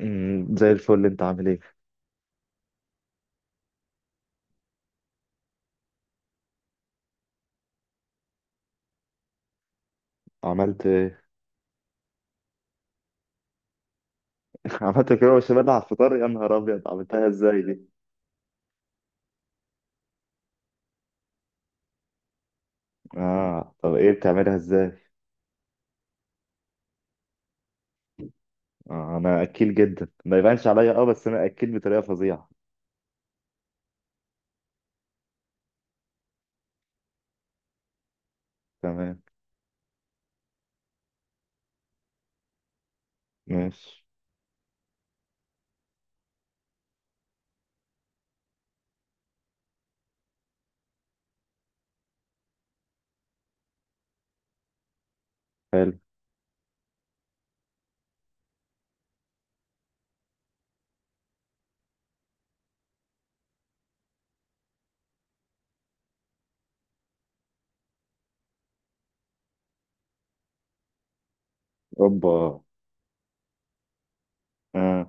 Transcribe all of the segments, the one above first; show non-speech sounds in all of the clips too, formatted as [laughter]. زي الفل، انت عامل ايه؟ عملت ايه؟ [laughs] عملت كده بشاميل على الفطار؟ يا نهار ابيض، عملتها ازاي دي؟ اه طب ايه، بتعملها ازاي؟ آه انا اكيل جدا، ما يبانش عليا، اه بس انا اكيل بطريقه فظيعه. تمام. ماشي. حلو. اوبا. اه.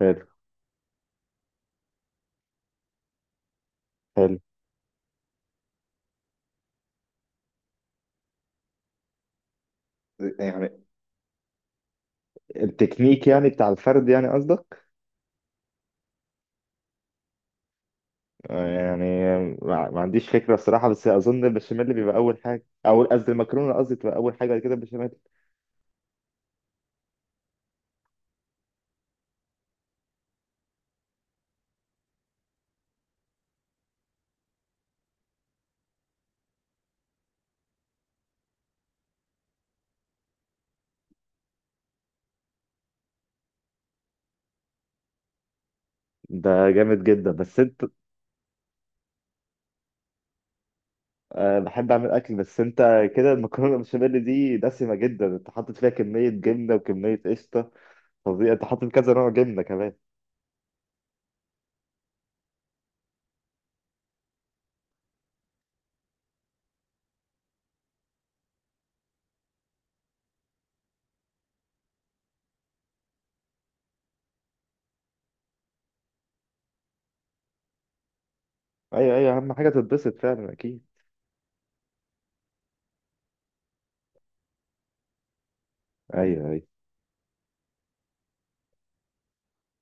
حلو. حلو. يعني التكنيك يعني بتاع الفرد، يعني قصدك؟ يعني ما عنديش فكره بصراحه، بس اظن البشاميل بيبقى اول حاجه، او قصدي المكرونه، قصدي تبقى اول حاجه، بعد كده البشاميل. ده جامد جدا، بس انت... أه بحب أعمل أكل، بس أنت كده المكرونة البشاميل دي دسمة جدا، أنت حاطط فيها كمية جبنة وكمية قشطة فظيعة، أنت حاطط كذا نوع جبنة كمان. أيوه أيوه، أهم حاجة تتبسط فعلا، أكيد. أيوه أيوه.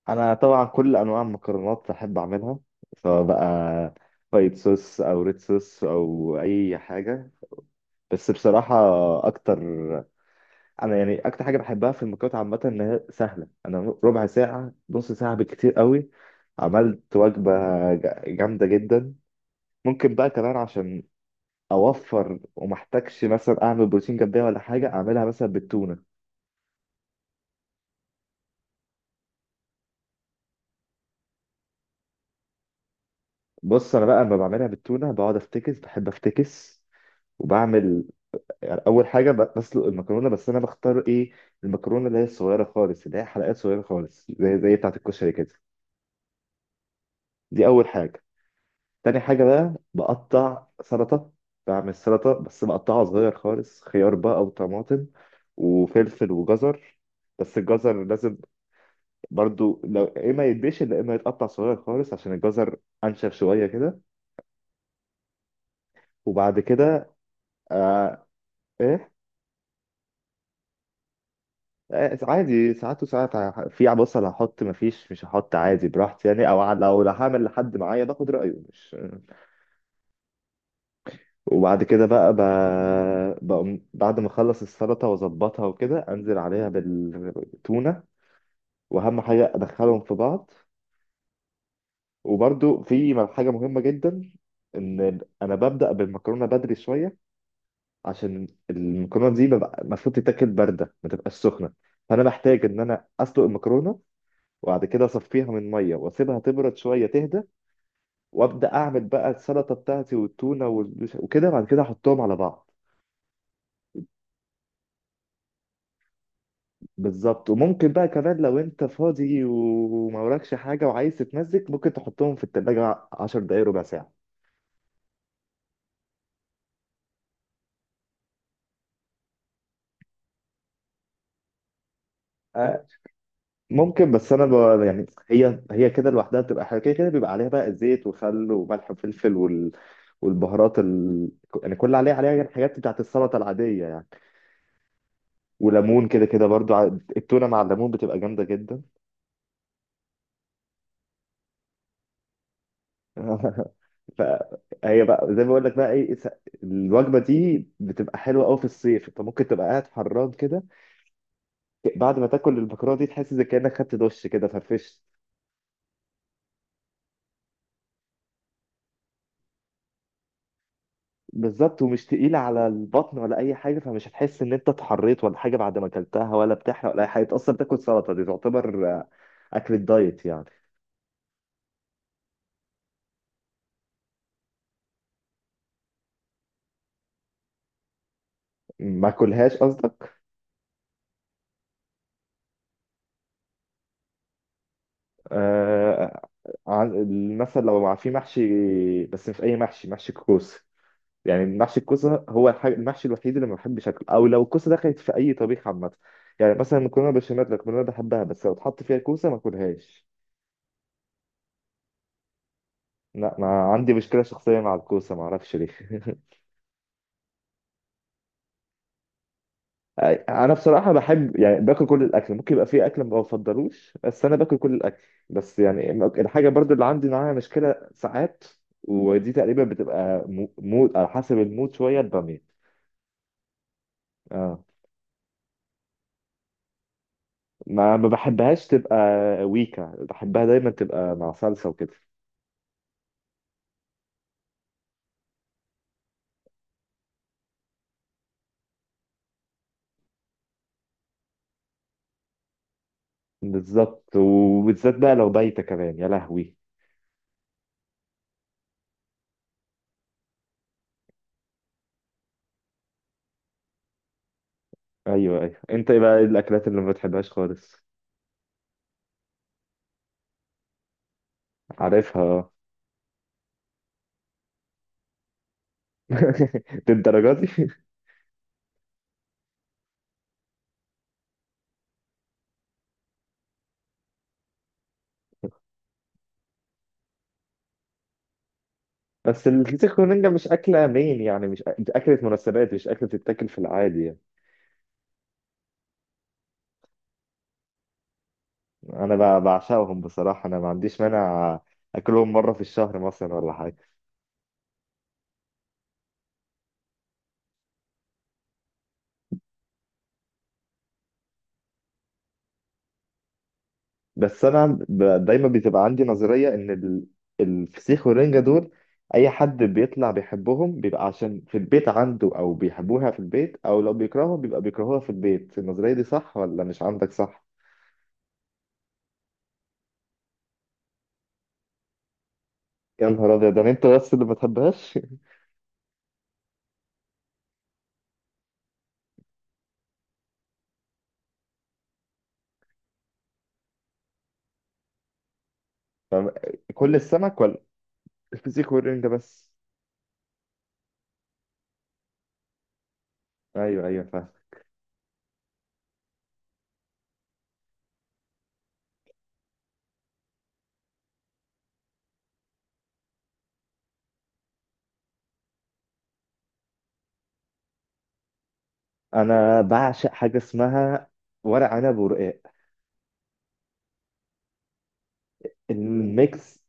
أنا طبعا كل أنواع المكرونات بحب أعملها، سواء بقى وايت صوص أو ريد صوص أو أي حاجة. بس بصراحة أكتر، أنا يعني أكتر حاجة بحبها في المكرونات عامة إن هي سهلة، أنا ربع ساعة نص ساعة بالكتير قوي عملت وجبة جامدة جدا. ممكن بقى كمان عشان اوفر، ومحتاجش مثلا اعمل بروتين جنبيها ولا حاجه، اعملها مثلا بالتونه. بص انا بقى لما بعملها بالتونه بقعد افتكس، بحب افتكس. وبعمل يعني اول حاجه بسلق المكرونه، بس انا بختار ايه؟ المكرونه اللي هي الصغيره خالص، اللي هي حلقات صغيره خالص، زي بتاعه الكشري كده. دي اول حاجه. تاني حاجه بقى بقطع سلطه، بعمل سلطه بس بقطعها صغير خالص، خيار بقى او طماطم وفلفل وجزر. بس الجزر لازم برضو، لو يا اما يتبشر يا اما يتقطع صغير خالص، عشان الجزر انشف شويه كده. وبعد كده... آه. ايه؟ آه عادي، ساعات وساعات في بصل هحط، مفيش مش هحط، عادي براحتي يعني، او لو هعمل لحد معايا باخد رايه، مش وبعد كده بقى بقوم بعد ما اخلص السلطه واظبطها وكده، انزل عليها بالتونه، واهم حاجه ادخلهم في بعض. وبرضو في حاجه مهمه جدا، ان انا ببدا بالمكرونه بدري شويه، عشان المكرونه دي ببقى المفروض تتاكل بارده، ما تبقاش سخنه. فانا بحتاج ان انا اسلق المكرونه، وبعد كده اصفيها من ميه، واسيبها تبرد شويه تهدى، وابدا اعمل بقى السلطه بتاعتي والتونه وكده، بعد كده احطهم على بعض. بالظبط، وممكن بقى كمان لو انت فاضي وما وراكش حاجه وعايز تتمزج، ممكن تحطهم في التلاجة 10 دقايق 1/4 ساعه. آه، ممكن، بس انا يعني هي كده لوحدها بتبقى حلوه، كده كده بيبقى عليها بقى الزيت وخل وملح وفلفل والبهارات يعني كل اللي عليها عليها، يعني الحاجات بتاعت السلطه العاديه يعني. وليمون كده كده برضو، التونه مع الليمون بتبقى جامده جدا. [laughs] فهي بقى زي ما بقول لك بقى ايه، الوجبه دي بتبقى حلوه قوي في الصيف، انت ممكن تبقى قاعد حران كده، بعد ما تاكل البكره دي تحس زي كانك خدت دش كده، فرفشت. بالظبط، ومش تقيله على البطن ولا اي حاجه، فمش هتحس ان انت اتحريت ولا حاجه بعد ما اكلتها، ولا بتحرق ولا اي حاجه، اصلا بتاكل سلطه، دي تعتبر اكل الدايت يعني. ما اكلهاش. آه مثلا لو في محشي، بس مش اي محشي، محشي الكوسه. يعني محشي الكوسه هو المحشي الوحيد اللي ما بحبش اكله، او لو الكوسه دخلت في اي طبيخ عامه. يعني مثلا المكرونه بشاميل، المكرونه بحبها، بس لو اتحط فيها كوسه ما اكلهاش. لا، ما عندي مشكله شخصيه مع الكوسه، ما اعرفش ليه. [laughs] انا بصراحه بحب يعني باكل كل الاكل، ممكن يبقى في اكل ما بفضلوش، بس انا باكل كل الاكل. بس يعني الحاجه برضو اللي عندي معاها مشكله ساعات، ودي تقريبا بتبقى مود، على حسب المود شويه، الباميه. اه، ما بحبهاش تبقى. ويكا بحبها دايما تبقى مع صلصه وكده. بالظبط، وبالذات بقى لو بايته كمان، يا لهوي. ايوه ايوه. انت ايه بقى، إيه الاكلات اللي ما بتحبهاش خالص؟ عارفها، اه. [laughs] للدرجه دي؟ بس الفسيخ والرنجة مش أكلة مين يعني، مش أ- دي أكلة مناسبات، مش أكلة تتاكل في العادي يعني. أنا بعشقهم بصراحة، أنا ما عنديش مانع أكلهم مرة في الشهر مثلا ولا حاجة. بس أنا دايما بتبقى عندي نظرية إن الفسيخ والرنجة دول، أي حد بيطلع بيحبهم بيبقى عشان في البيت عنده أو بيحبوها في البيت، أو لو بيكرههم بيبقى بيكرهوها في البيت. النظرية دي صح ولا مش عندك صح؟ يا نهار أبيض، ده أنت بس اللي ما تحبهاش. [laughs] طب كل السمك، ولا الفسيخ والرنجة بس؟ ايوه ايوه، فاهم. انا بعشق حاجه اسمها ورق عنب ورقاق، الميكس.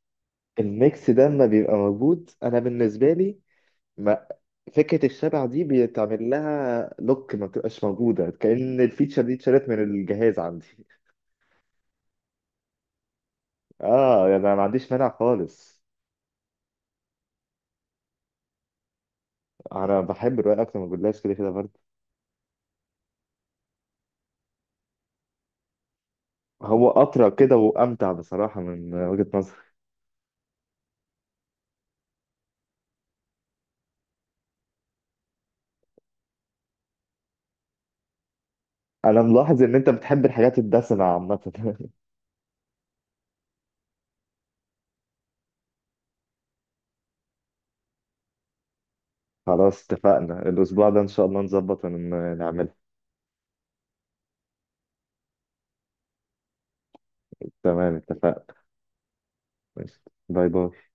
الميكس ده لما بيبقى موجود انا بالنسبه لي، ما فكره الشبع دي بيتعمل لها لوك، ما بتبقاش موجوده، كأن الفيتشر دي اتشالت من الجهاز عندي. اه يعني انا ما عنديش مانع خالص. انا بحب الرقاق اكتر من الجلاش كده كده برضه. هو اطرى كده وامتع بصراحه من وجهه نظري. انا ملاحظ ان انت بتحب الحاجات الدسمه عامه. [laughs] خلاص اتفقنا، الأسبوع ده إن شاء الله نظبط نعملها. تمام اتفقنا. ماشي. باي باي.